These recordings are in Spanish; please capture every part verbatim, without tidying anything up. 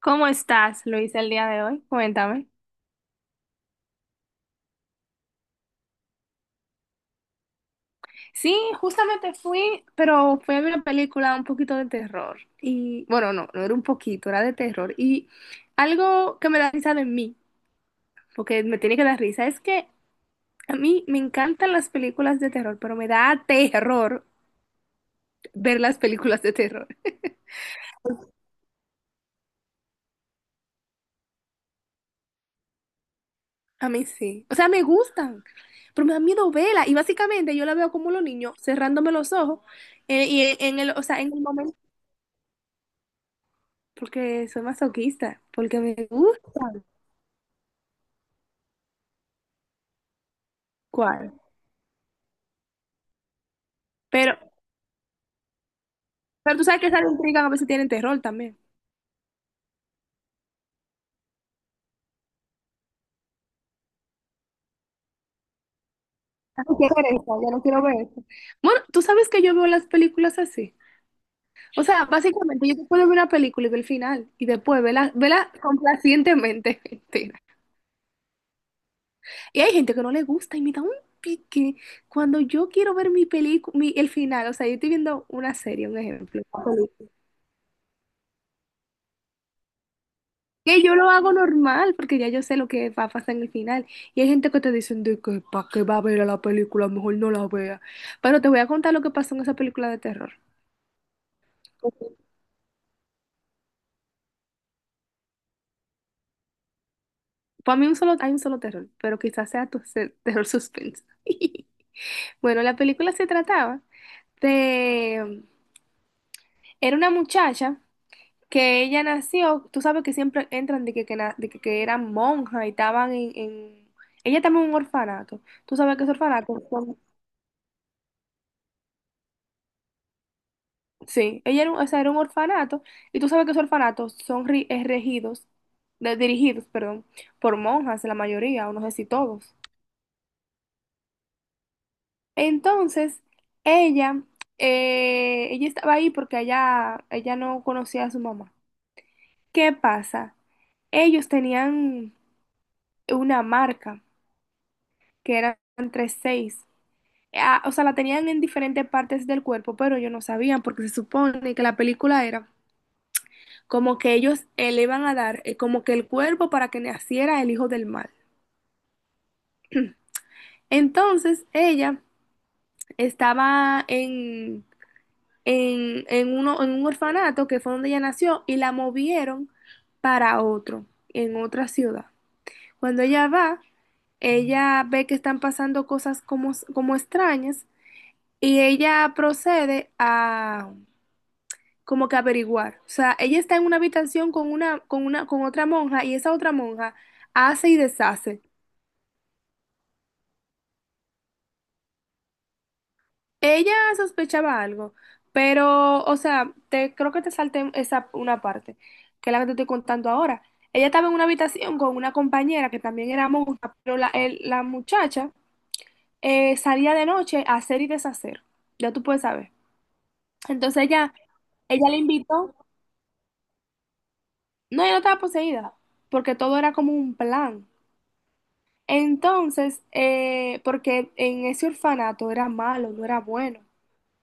¿Cómo estás, Luisa, el día de hoy? Cuéntame. Sí, justamente fui, pero fui a ver una película un poquito de terror. Y bueno, no, no era un poquito, era de terror. Y algo que me da risa de mí, porque me tiene que dar risa, es que a mí me encantan las películas de terror, pero me da terror ver las películas de terror. A mí sí. O sea, me gustan, pero me da miedo verla. Y básicamente yo la veo como los niños cerrándome los ojos. Eh, y en el, o sea, en el momento. Porque soy masoquista, porque me gusta. ¿Cuál? Pero, pero tú sabes que esas intrigas a veces tienen terror también. Ah, no quiero ver eso, yo no quiero ver eso. Bueno, tú sabes que yo veo las películas así. O sea, básicamente yo te puedo ver una película y ver el final y después vela, vela complacientemente. Mentira. Y hay gente que no le gusta y me da un pique cuando yo quiero ver mi película, el final. O sea, yo estoy viendo una serie, un ejemplo. Que yo lo hago normal, porque ya yo sé lo que va a pasar en el final. Y hay gente que te dicen de que para qué va a ver a la película, mejor no la vea. Pero te voy a contar lo que pasó en esa película de terror. Para mí un solo, hay un solo terror, pero quizás sea tu se- terror suspenso. Bueno, la película se trataba de... Era una muchacha que ella nació, tú sabes que siempre entran de que, que, na- de que, que eran monjas y estaban en, en- ella estaba en un orfanato. Tú sabes que es orfanato. Sí, ella era un, o sea, era un orfanato y tú sabes que esos orfanatos son ri- eh, regidos, de- dirigidos, perdón, por monjas, la mayoría, o no sé si todos. Entonces, ella, eh, ella estaba ahí porque ella, ella no conocía a su mamá. ¿Qué pasa? Ellos tenían una marca que eran tres seis. Ah, o sea, la tenían en diferentes partes del cuerpo, pero ellos no sabían porque se supone que la película era como que ellos eh, le iban a dar eh, como que el cuerpo para que naciera el hijo del mal. Entonces ella estaba en, en, en uno, en un orfanato que fue donde ella nació y la movieron para otro, en otra ciudad. Cuando ella va, ella ve que están pasando cosas como, como extrañas y ella procede a como que averiguar. O sea, ella está en una habitación con una, con una, con otra monja y esa otra monja hace y deshace. Ella sospechaba algo, pero, o sea, te, creo que te salté esa una parte, que es la que te estoy contando ahora. Ella estaba en una habitación con una compañera que también era monja, pero la, el- la muchacha eh, salía de noche a hacer y deshacer. Ya tú puedes saber. Entonces ella, ella le invitó. No, ella no estaba poseída, porque todo era como un plan. Entonces, eh, porque en ese orfanato era malo, no era bueno.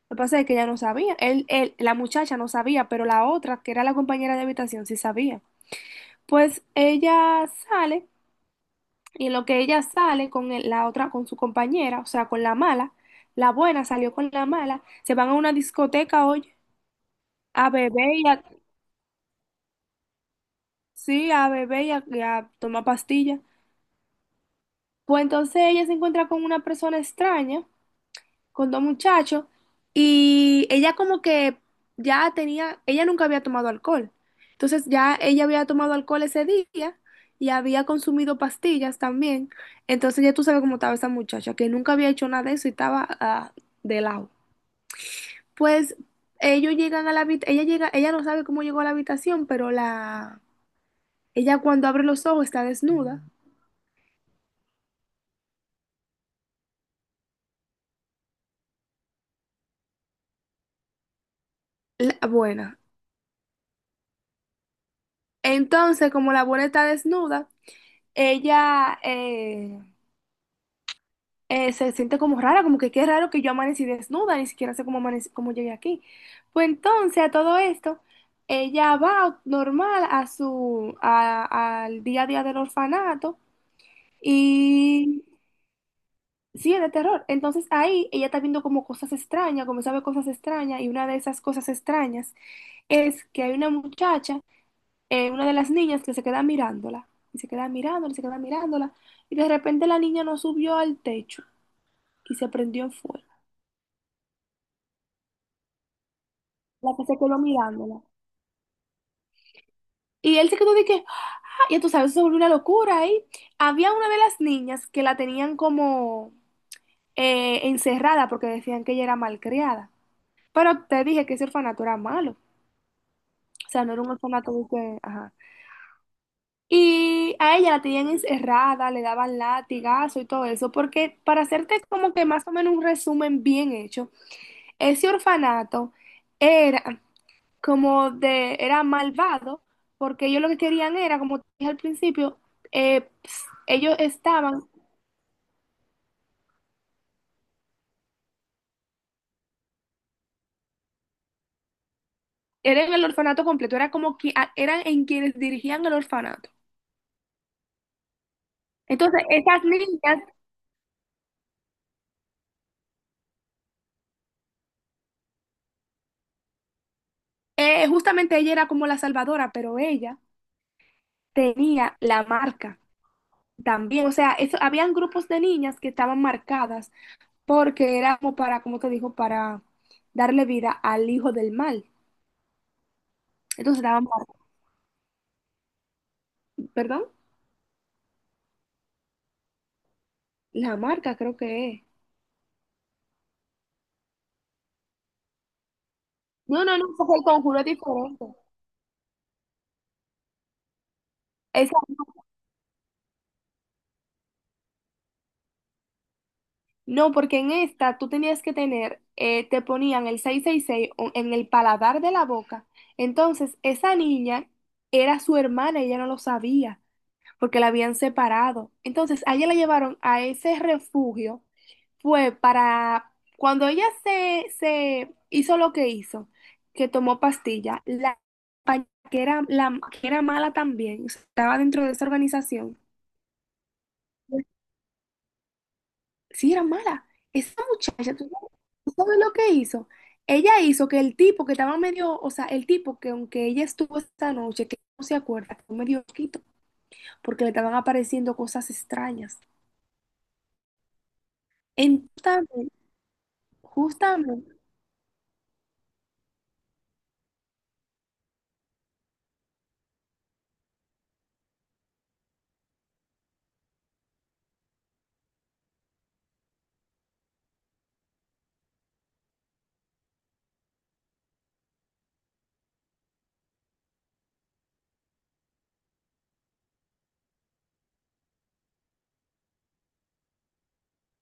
Lo que pasa es que ella no sabía. Él, él, la muchacha no sabía, pero la otra, que era la compañera de habitación, sí sabía. Pues ella sale, y en lo que ella sale con el- la otra, con su compañera, o sea, con la mala, la buena salió con la mala, se van a una discoteca, oye, a beber y a, sí, a beber y a, y a tomar pastillas. Pues entonces ella se encuentra con una persona extraña con dos muchachos y ella como que ya tenía, ella nunca había tomado alcohol. Entonces ya ella había tomado alcohol ese día y había consumido pastillas también. Entonces ya tú sabes cómo estaba esa muchacha, que nunca había hecho nada de eso y estaba ah, de lado. Pues ellos llegan a la habitación, ella llega, ella no sabe cómo llegó a la habitación, pero la ella cuando abre los ojos está desnuda. La buena. Entonces, como la buena está desnuda, ella, eh, eh, se siente como rara, como que qué raro que yo amanecí desnuda, ni siquiera sé cómo, amanec- cómo llegué aquí. Pues entonces a todo esto, ella va normal a su, a- al día a día del orfanato y sí, es de terror. Entonces ahí ella está viendo como cosas extrañas, como sabe cosas extrañas y una de esas cosas extrañas es que hay una muchacha, eh, una de las niñas que se queda mirándola. Y se queda mirándola, y se queda mirándola. Y de repente la niña no subió al techo y se prendió en fuego. La que se quedó mirándola. Y él se quedó de que, ¡ah! Ya tú sabes, eso se volvió una locura ahí. Había una de las niñas que la tenían como eh, encerrada porque decían que ella era malcriada. Pero te dije que ese orfanato era malo. O sea, no era un orfanato de que, ajá. Y a ella la tenían encerrada, le daban latigazo y todo eso, porque para hacerte como que más o menos un resumen bien hecho, ese orfanato era, como de, era malvado, porque ellos lo que querían era, como te dije al principio, eh, ps, ellos estaban, eran el orfanato completo, era como que a- eran en quienes dirigían el orfanato. Entonces, esas niñas, eh, justamente ella era como la salvadora, pero ella tenía la marca también. O sea, eso, habían grupos de niñas que estaban marcadas porque era como para, como te digo, para darle vida al hijo del mal. Entonces estaban, mar- perdón, la marca creo que es. No, no, no, porque el conjuro es diferente. Esa- no, no, porque en esta tú tenías que tener, eh, te ponían el seiscientos sesenta y seis, o- en el paladar de la boca. Entonces, esa niña era su hermana, ella no lo sabía, porque la habían separado. Entonces, a ella la llevaron a ese refugio, fue para, cuando ella se, se hizo lo que hizo, que tomó pastilla, la compañera que era, la, que era mala también, estaba dentro de esa organización. Sí, era mala. Esa muchacha, ¿tú sabes ¿tú sabes lo que hizo? Ella hizo que el tipo que estaba medio, o sea, el tipo que aunque ella estuvo esta noche, que no se acuerda, fue medio loquito, porque le estaban apareciendo cosas extrañas. Entonces, justamente,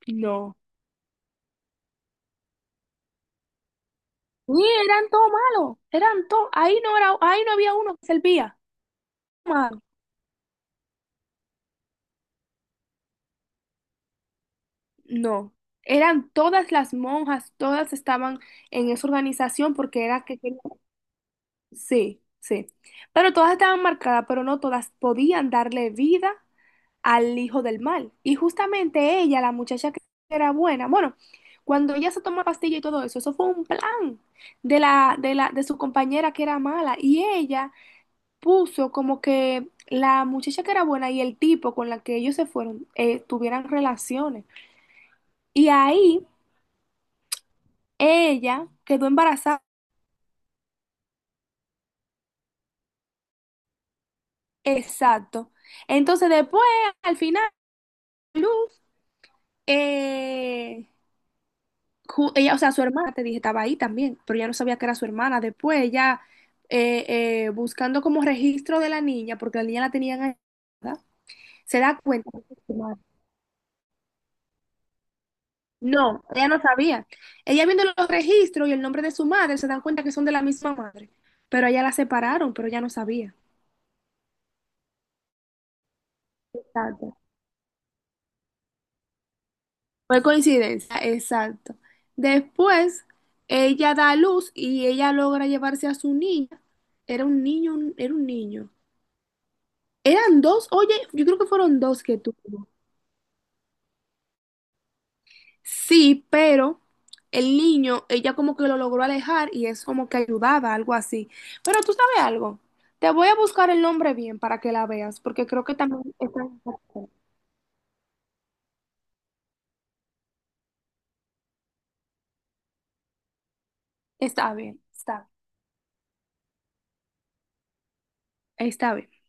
no. Sí, eran todos malos, eran todos, ahí no era, ahí no había uno que servía. Malo. No, eran todas las monjas, todas estaban en esa organización porque era que sí, sí. Pero todas estaban marcadas, pero no todas podían darle vida al hijo del mal. Y justamente ella, la muchacha que era buena, bueno, cuando ella se tomó la pastilla y todo eso, eso fue un plan de la, de la, de su compañera que era mala. Y ella puso como que la muchacha que era buena y el tipo con la que ellos se fueron eh, tuvieran relaciones. Y ahí ella quedó embarazada. Exacto. Entonces después, al final, Luz, eh, ju- ella, o sea, su hermana, te dije, estaba ahí también, pero ella no sabía que era su hermana. Después ella, eh, eh, buscando como registro de la niña, porque la niña la tenían ahí, ¿verdad? Se da cuenta que es su madre. No, ella no sabía. Ella viendo los registros y el nombre de su madre, se dan cuenta que son de la misma madre, pero a ella la separaron, pero ella no sabía. Exacto. Fue coincidencia, exacto. Después, ella da a luz y ella logra llevarse a su niña. Era un niño, un- era un niño. Eran dos, oye, yo creo que fueron dos que tuvo. Sí, pero el niño, ella como que lo logró alejar y es como que ayudaba, algo así. Pero tú sabes algo, te voy a buscar el nombre bien para que la veas, porque creo que también está, está bien, está, está bien.